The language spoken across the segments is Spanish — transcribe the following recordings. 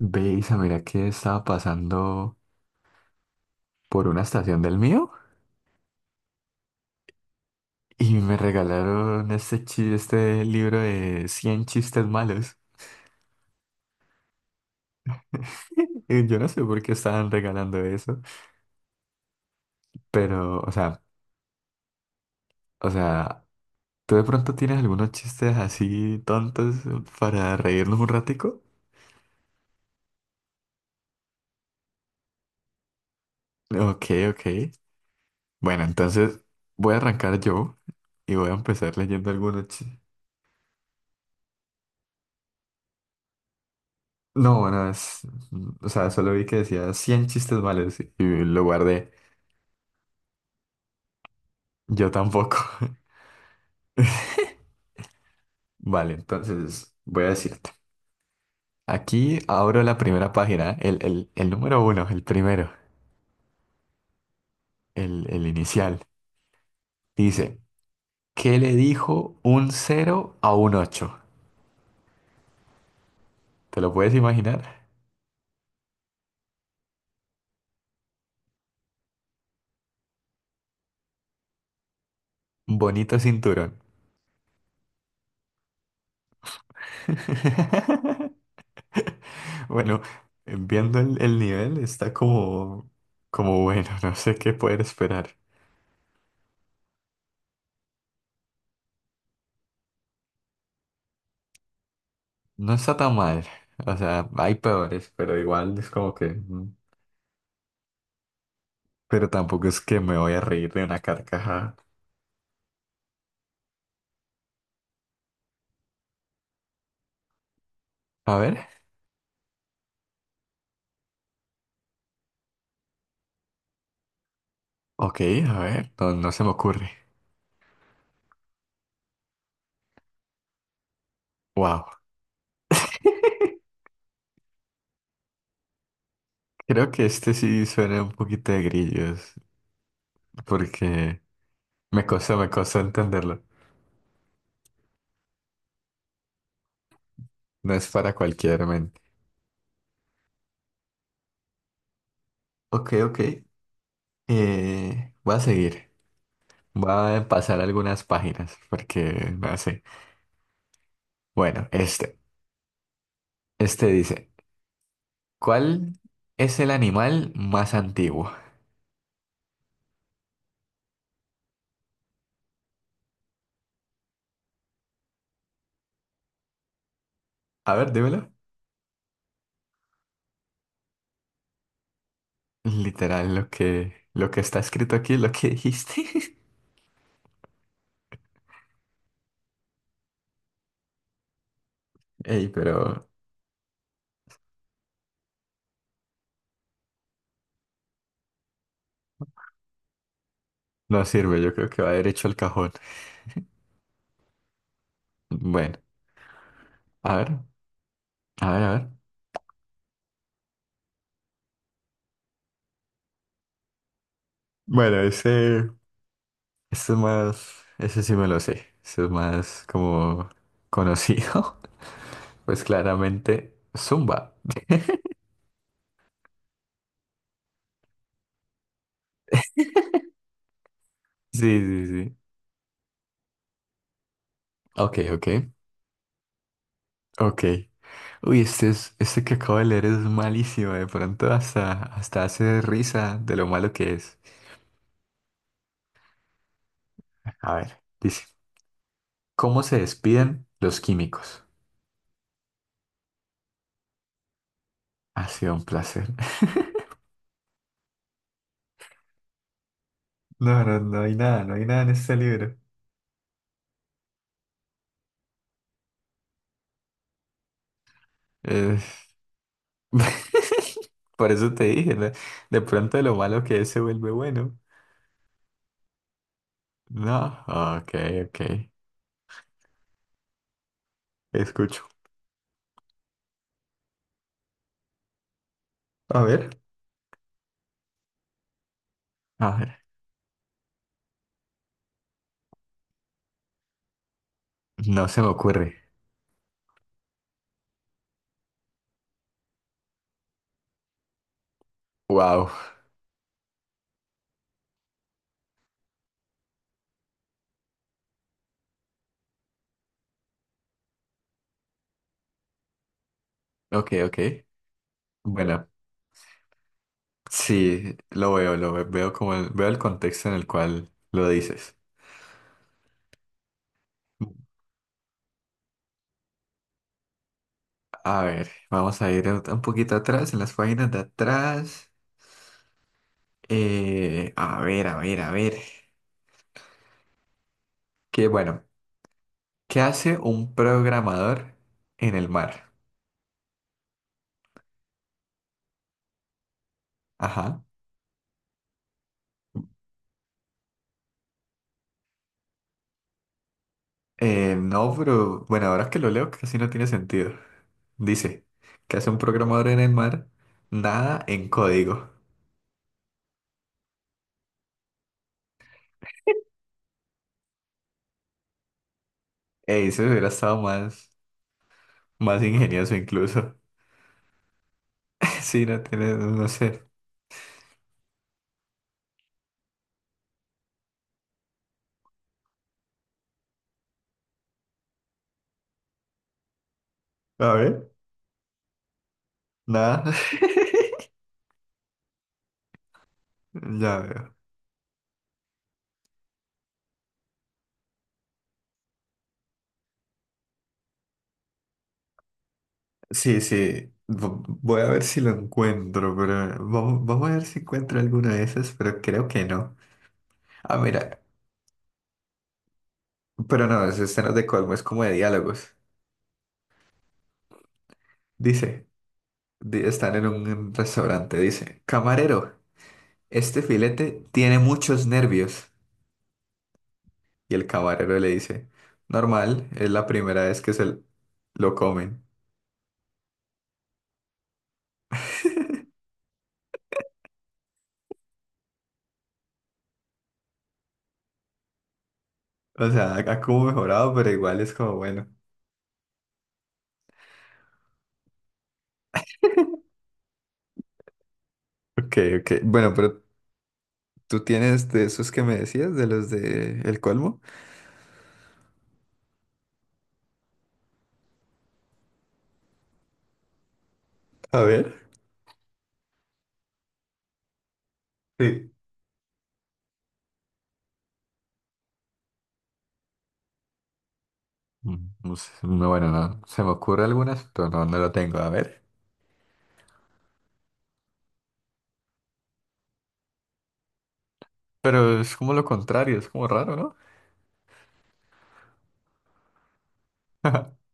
Veis, mira que estaba pasando por una estación del mío y me regalaron este libro de 100 chistes malos. Yo no sé por qué estaban regalando eso, pero, o sea, ¿tú de pronto tienes algunos chistes así tontos para reírnos un ratico? Ok, ok. Bueno, entonces voy a arrancar yo y voy a empezar leyendo algunos chistes. No, bueno, o sea, solo vi que decía 100 chistes malos y lo guardé. Yo tampoco. Vale, entonces voy a decirte. Aquí abro la primera página, el número 1, el primero, el inicial. Dice, ¿qué le dijo un cero a un ocho? ¿Te lo puedes imaginar? Bonito cinturón. Bueno, viendo el nivel, está como bueno, no sé qué poder esperar. No está tan mal. O sea, hay peores, pero igual es como que. Pero tampoco es que me voy a reír de una carcajada. A ver, ok, a ver, no, no se me ocurre. Wow. Creo que este sí suena un poquito de grillos, porque me costó entenderlo. No es para cualquier mente. Ok, ok. Voy a seguir. Voy a pasar algunas páginas, porque no sé. Bueno, este. Este dice, ¿cuál es el animal más antiguo? A ver, dímelo. Literal, lo que está escrito aquí, lo que dijiste. Ey, pero no sirve, yo creo que va derecho al cajón. Bueno, a ver, a ver, a ver. Bueno, ese es más, ese sí me lo sé. Ese es más como conocido. Pues claramente, Zumba. Sí, sí, sí. Ok, ok, ok. Uy, este que acabo de leer es malísimo. De pronto hasta hace risa de lo malo que es. A ver, dice. ¿Cómo se despiden los químicos? Ha sido un placer. No, no, no hay nada en este libro. Eh, Por eso te dije, ¿no? De pronto lo malo que es se vuelve bueno. No, ok, ok. Escucho. A ver. A ver. No se me ocurre. Wow. Ok, ok. Bueno, sí, lo veo, veo como veo el contexto en el cual lo dices. A ver, vamos a ir un poquito atrás, en las páginas de atrás. A ver, a ver, a ver. Que bueno, ¿qué hace un programador en el mar? Ajá. No, pero bueno, ahora que lo leo casi no tiene sentido. Dice, ¿qué hace un programador en el mar? Nada en código. Ey, eso hubiera estado más ingenioso incluso. Sí, no tiene, no sé. A ver, nada. Ya veo. Sí, sí. Voy a ver si lo encuentro, pero vamos a ver si encuentro alguna de esas, pero creo que no. Ah, mira, pero no, es escenas de Colmo, es como de diálogos. Dice, están en un restaurante, dice, camarero, este filete tiene muchos nervios. Y el camarero le dice, normal, es la primera vez que lo comen. O sea, ha como mejorado, pero igual es como bueno. Ok, ok. Bueno, pero tú tienes de esos que me decías, de los de El Colmo. A ver. Sí. Mm, no sé, no, bueno, no, se me ocurre algunas, pero no, no lo tengo, a ver. Pero es como lo contrario, es como raro, ¿no?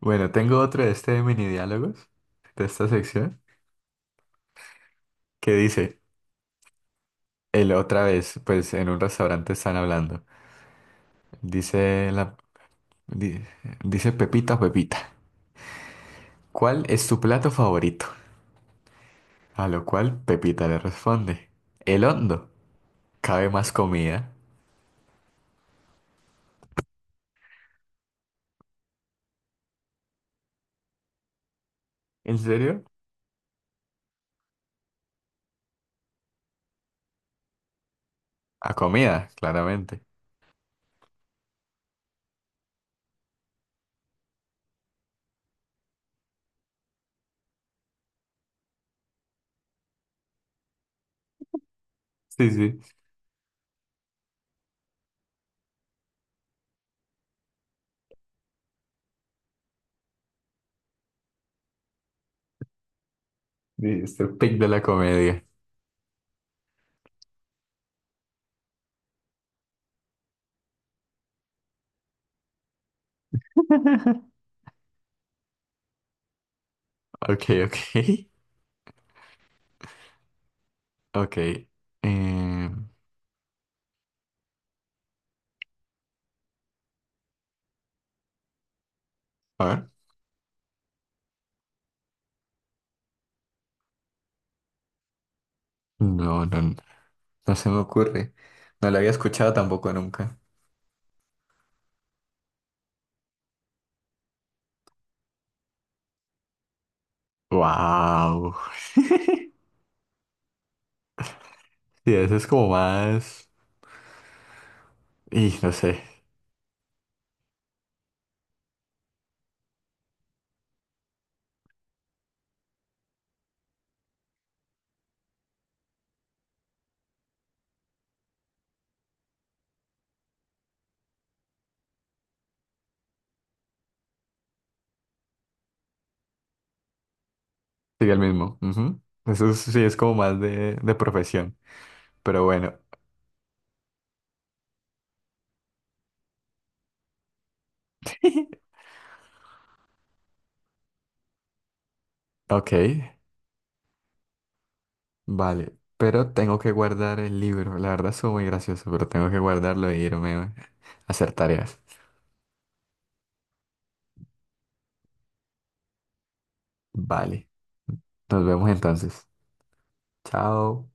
Bueno, tengo otro de este de mini diálogos, de esta sección, que dice, el otra vez, pues en un restaurante están hablando. Dice la, di- dice Pepita, Pepita, ¿cuál es tu plato favorito? A lo cual Pepita le responde, el hondo. ¿Cabe más comida? ¿En serio? A comida, claramente. Sí, sí. Mr. Pig de la comedia. Ok, ok. Ok. Eh, a ver. No, no, no se me ocurre. No la había escuchado tampoco nunca. Wow. Sí, eso es como más. Y no sé. Sería el mismo. Ujú. Sí es como más de, profesión. Pero bueno. Ok. Vale. Pero tengo que guardar el libro. La verdad es muy gracioso, pero tengo que guardarlo e irme a hacer tareas. Vale. Nos vemos entonces. Chao.